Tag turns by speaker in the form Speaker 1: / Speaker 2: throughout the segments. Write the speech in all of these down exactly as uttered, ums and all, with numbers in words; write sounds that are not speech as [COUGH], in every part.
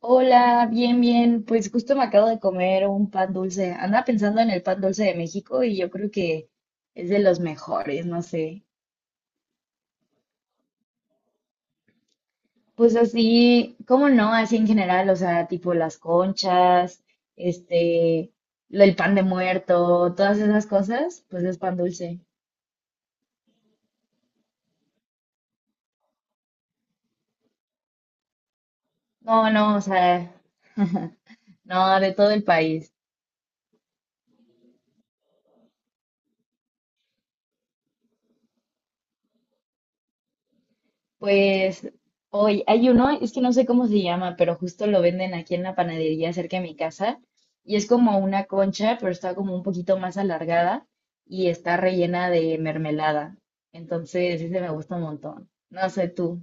Speaker 1: Hola, bien, bien. Pues justo me acabo de comer un pan dulce. Andaba pensando en el pan dulce de México y yo creo que es de los mejores, no sé. Pues así, ¿cómo no? Así en general, o sea, tipo las conchas, este, lo- el pan de muerto, todas esas cosas, pues es pan dulce. No, no, o sea, [LAUGHS] no, de todo el país. Pues hoy hay uno, es que no sé cómo se llama, pero justo lo venden aquí en la panadería cerca de mi casa y es como una concha, pero está como un poquito más alargada y está rellena de mermelada. Entonces, ese me gusta un montón. No sé tú.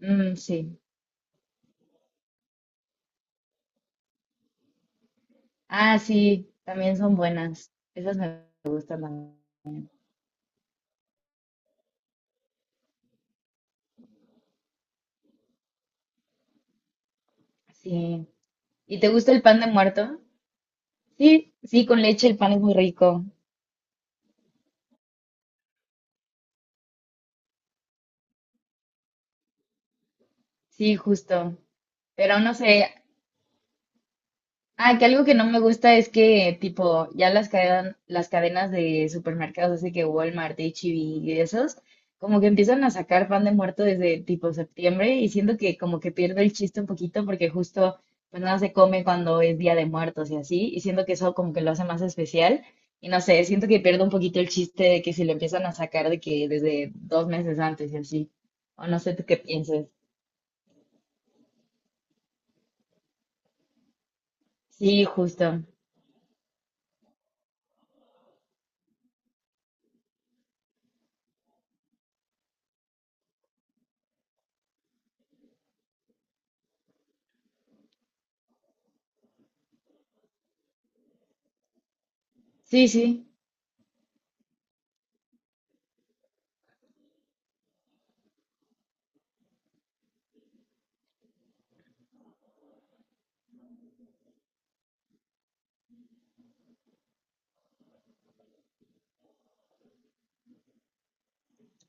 Speaker 1: Mm, sí. Ah, sí, también son buenas. Esas me gustan también. Sí. ¿Y te gusta el pan de muerto? Sí, sí, con leche el pan es muy rico. Sí, justo. Pero no sé, ah, que algo que no me gusta es que, tipo, ya las cadenas, las cadenas de supermercados, así que Walmart, H E B y esos, como que empiezan a sacar pan de muerto desde tipo septiembre y siento que como que pierde el chiste un poquito porque justo pues nada se come cuando es Día de Muertos y así, y siento que eso como que lo hace más especial y no sé, siento que pierde un poquito el chiste de que si lo empiezan a sacar de que desde dos meses antes y así, o no sé tú qué pienses. Sí, justo. Sí, sí.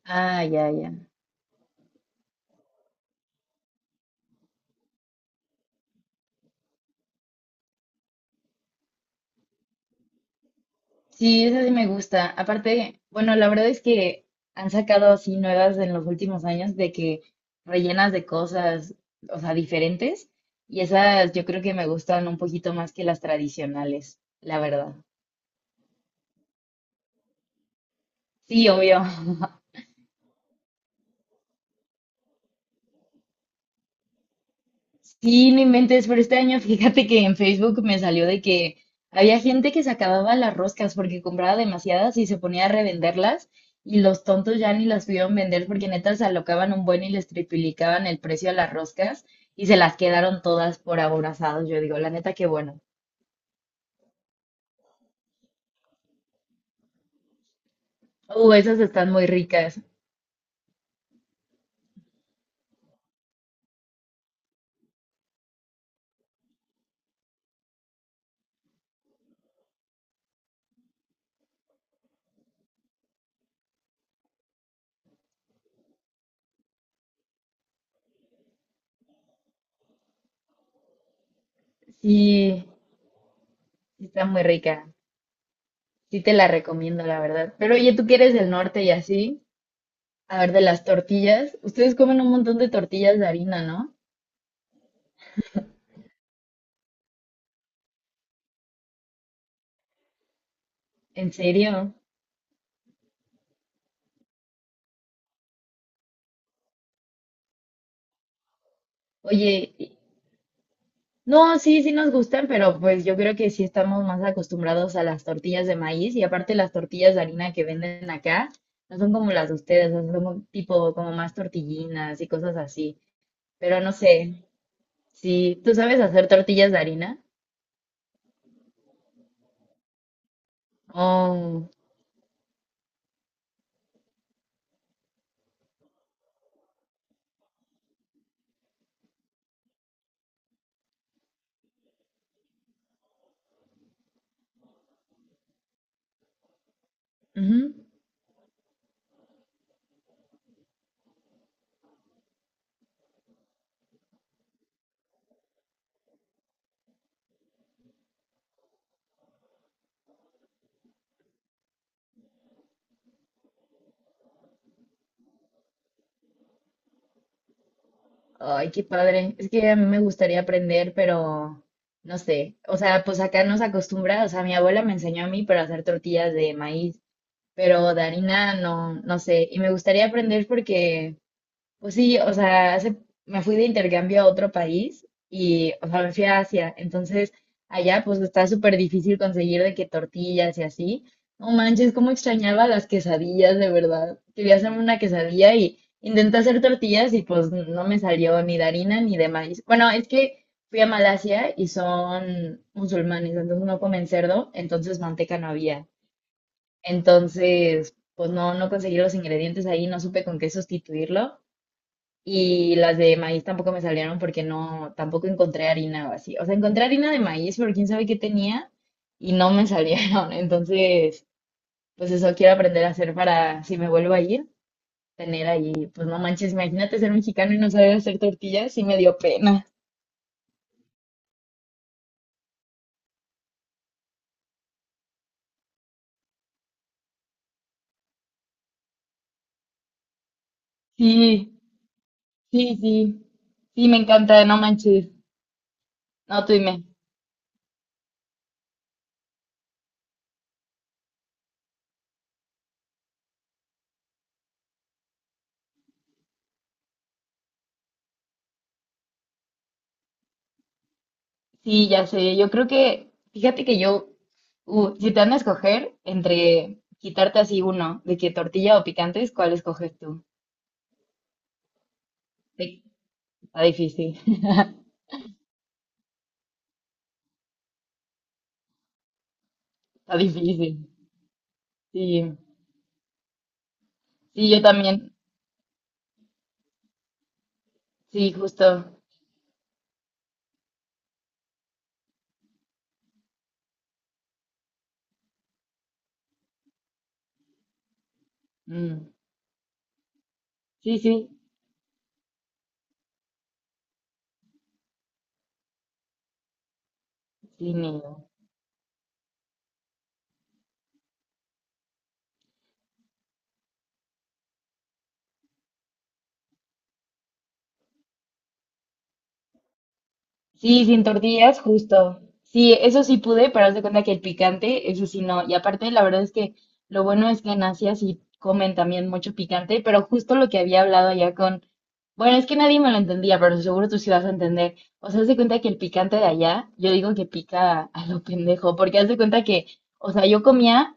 Speaker 1: Ah, ya, ya. Sí, esa sí me gusta. Aparte, bueno, la verdad es que han sacado así nuevas en los últimos años de que rellenas de cosas, o sea, diferentes. Y esas yo creo que me gustan un poquito más que las tradicionales, la verdad. Sí, obvio. Sí, no inventes, pero este año fíjate que en Facebook me salió de que había gente que se acababa las roscas porque compraba demasiadas y se ponía a revenderlas y los tontos ya ni las pudieron vender porque neta se alocaban un buen y les triplicaban el precio a las roscas y se las quedaron todas por aborazados. Yo digo, la neta, qué bueno. Uh, esas están muy ricas. Sí, sí están muy ricas. Sí te la recomiendo, la verdad. Pero oye, tú que eres del norte y así, a ver, de las tortillas, ustedes comen un montón de tortillas de harina, ¿no? ¿En serio? Oye, y- no, sí, sí nos gustan, pero pues yo creo que sí estamos más acostumbrados a las tortillas de maíz y aparte las tortillas de harina que venden acá no son como las de ustedes, o sea, son como tipo como más tortillinas y cosas así. Pero no sé, si tú sabes hacer tortillas de harina. Oh, ujú. Ay, qué padre. Es que a mí me gustaría aprender, pero no sé. O sea, pues acá nos acostumbra, o sea, mi abuela me enseñó a mí, pero a hacer tortillas de maíz. Pero de harina no, no sé. Y me gustaría aprender porque, pues sí, o sea, hace- me fui de intercambio a otro país y, o sea, me fui a Asia. Entonces, allá pues está súper difícil conseguir de que tortillas y así. No manches, cómo extrañaba las quesadillas, de verdad. Quería hacerme una quesadilla y intenté hacer tortillas y pues no me salió ni de harina ni de maíz. Bueno, es que fui a Malasia y son musulmanes, entonces no comen cerdo, entonces manteca no había. Entonces, pues no, no conseguí los ingredientes ahí, no supe con qué sustituirlo. Y las de maíz tampoco me salieron porque no, tampoco encontré harina o así. O sea, encontré harina de maíz, pero quién sabe qué tenía y no me salieron. [LAUGHS] Entonces, pues eso quiero aprender a hacer para si me vuelvo a ir, tener ahí, pues no manches, imagínate ser mexicano y no saber hacer tortillas, sí me dio pena. Sí, sí, sí. Sí, me encanta, no manches. No, tú dime. Sí, ya sé. Yo creo que, fíjate que yo, uh, si te van a escoger entre quitarte así uno, de que tortilla o picantes, ¿cuál escoges tú? Sí, está difícil, [LAUGHS] está difícil. Sí, sí, yo también. Sí, justo. Mm, sí, sí, sí, ni idea. Sí, sin tortillas, justo. Sí, eso sí pude, pero haz de cuenta que el picante, eso sí no. Y aparte, la verdad es que lo bueno es que en Asia sí comen también mucho picante, pero justo lo que había hablado ya con... Bueno, es que nadie me lo entendía, pero seguro tú sí vas a entender. O sea, haz de cuenta que el picante de allá, yo digo que pica a lo pendejo, porque haz de cuenta que, o sea, yo comía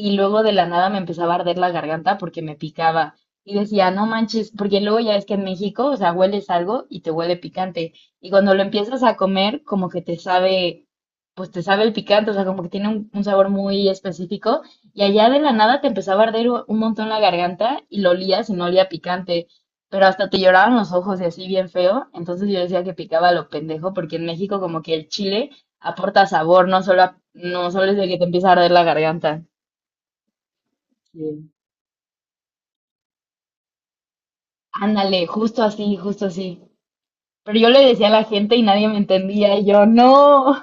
Speaker 1: y luego de la nada me empezaba a arder la garganta porque me picaba. Y decía, no manches, porque luego ya es que en México, o sea, hueles algo y te huele picante. Y cuando lo empiezas a comer, como que te sabe, pues te sabe el picante, o sea, como que tiene un, un sabor muy específico. Y allá de la nada te empezaba a arder u- un montón la garganta y lo olías y no olía picante, pero hasta te lloraban los ojos y así bien feo. Entonces yo decía que picaba a lo pendejo, porque en México como que el chile aporta sabor, no solo, a- no solo es de que te empieza a arder la garganta. Sí. Ándale, justo así, justo así. Pero yo le decía a la gente y nadie me entendía, y yo, no.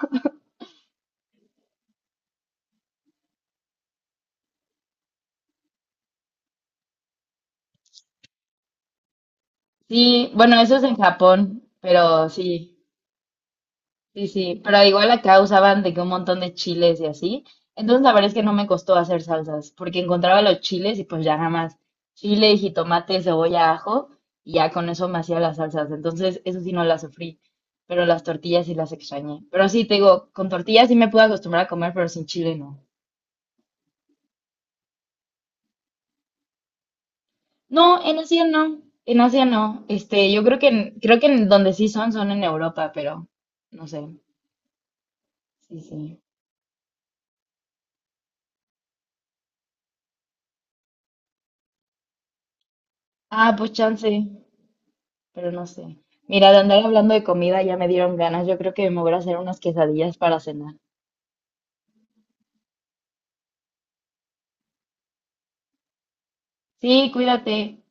Speaker 1: Sí, bueno, eso es en Japón, pero sí, sí, sí, pero igual acá usaban de que un montón de chiles y así. Entonces la verdad es que no me costó hacer salsas, porque encontraba los chiles y pues ya nada más chile, jitomate, cebolla, ajo, y ya con eso me hacía las salsas. Entonces eso sí no las sufrí, pero las tortillas sí las extrañé. Pero sí, te digo, con tortillas sí me pude acostumbrar a comer, pero sin chile no. No, en Asia no, en Asia no. Este, yo creo que en- creo que en donde sí son son en Europa, pero no sé. Sí, sí. Ah, pues chance, pero no sé. Mira, de andar hablando de comida ya me dieron ganas. Yo creo que me voy a hacer unas quesadillas para cenar. Sí, cuídate.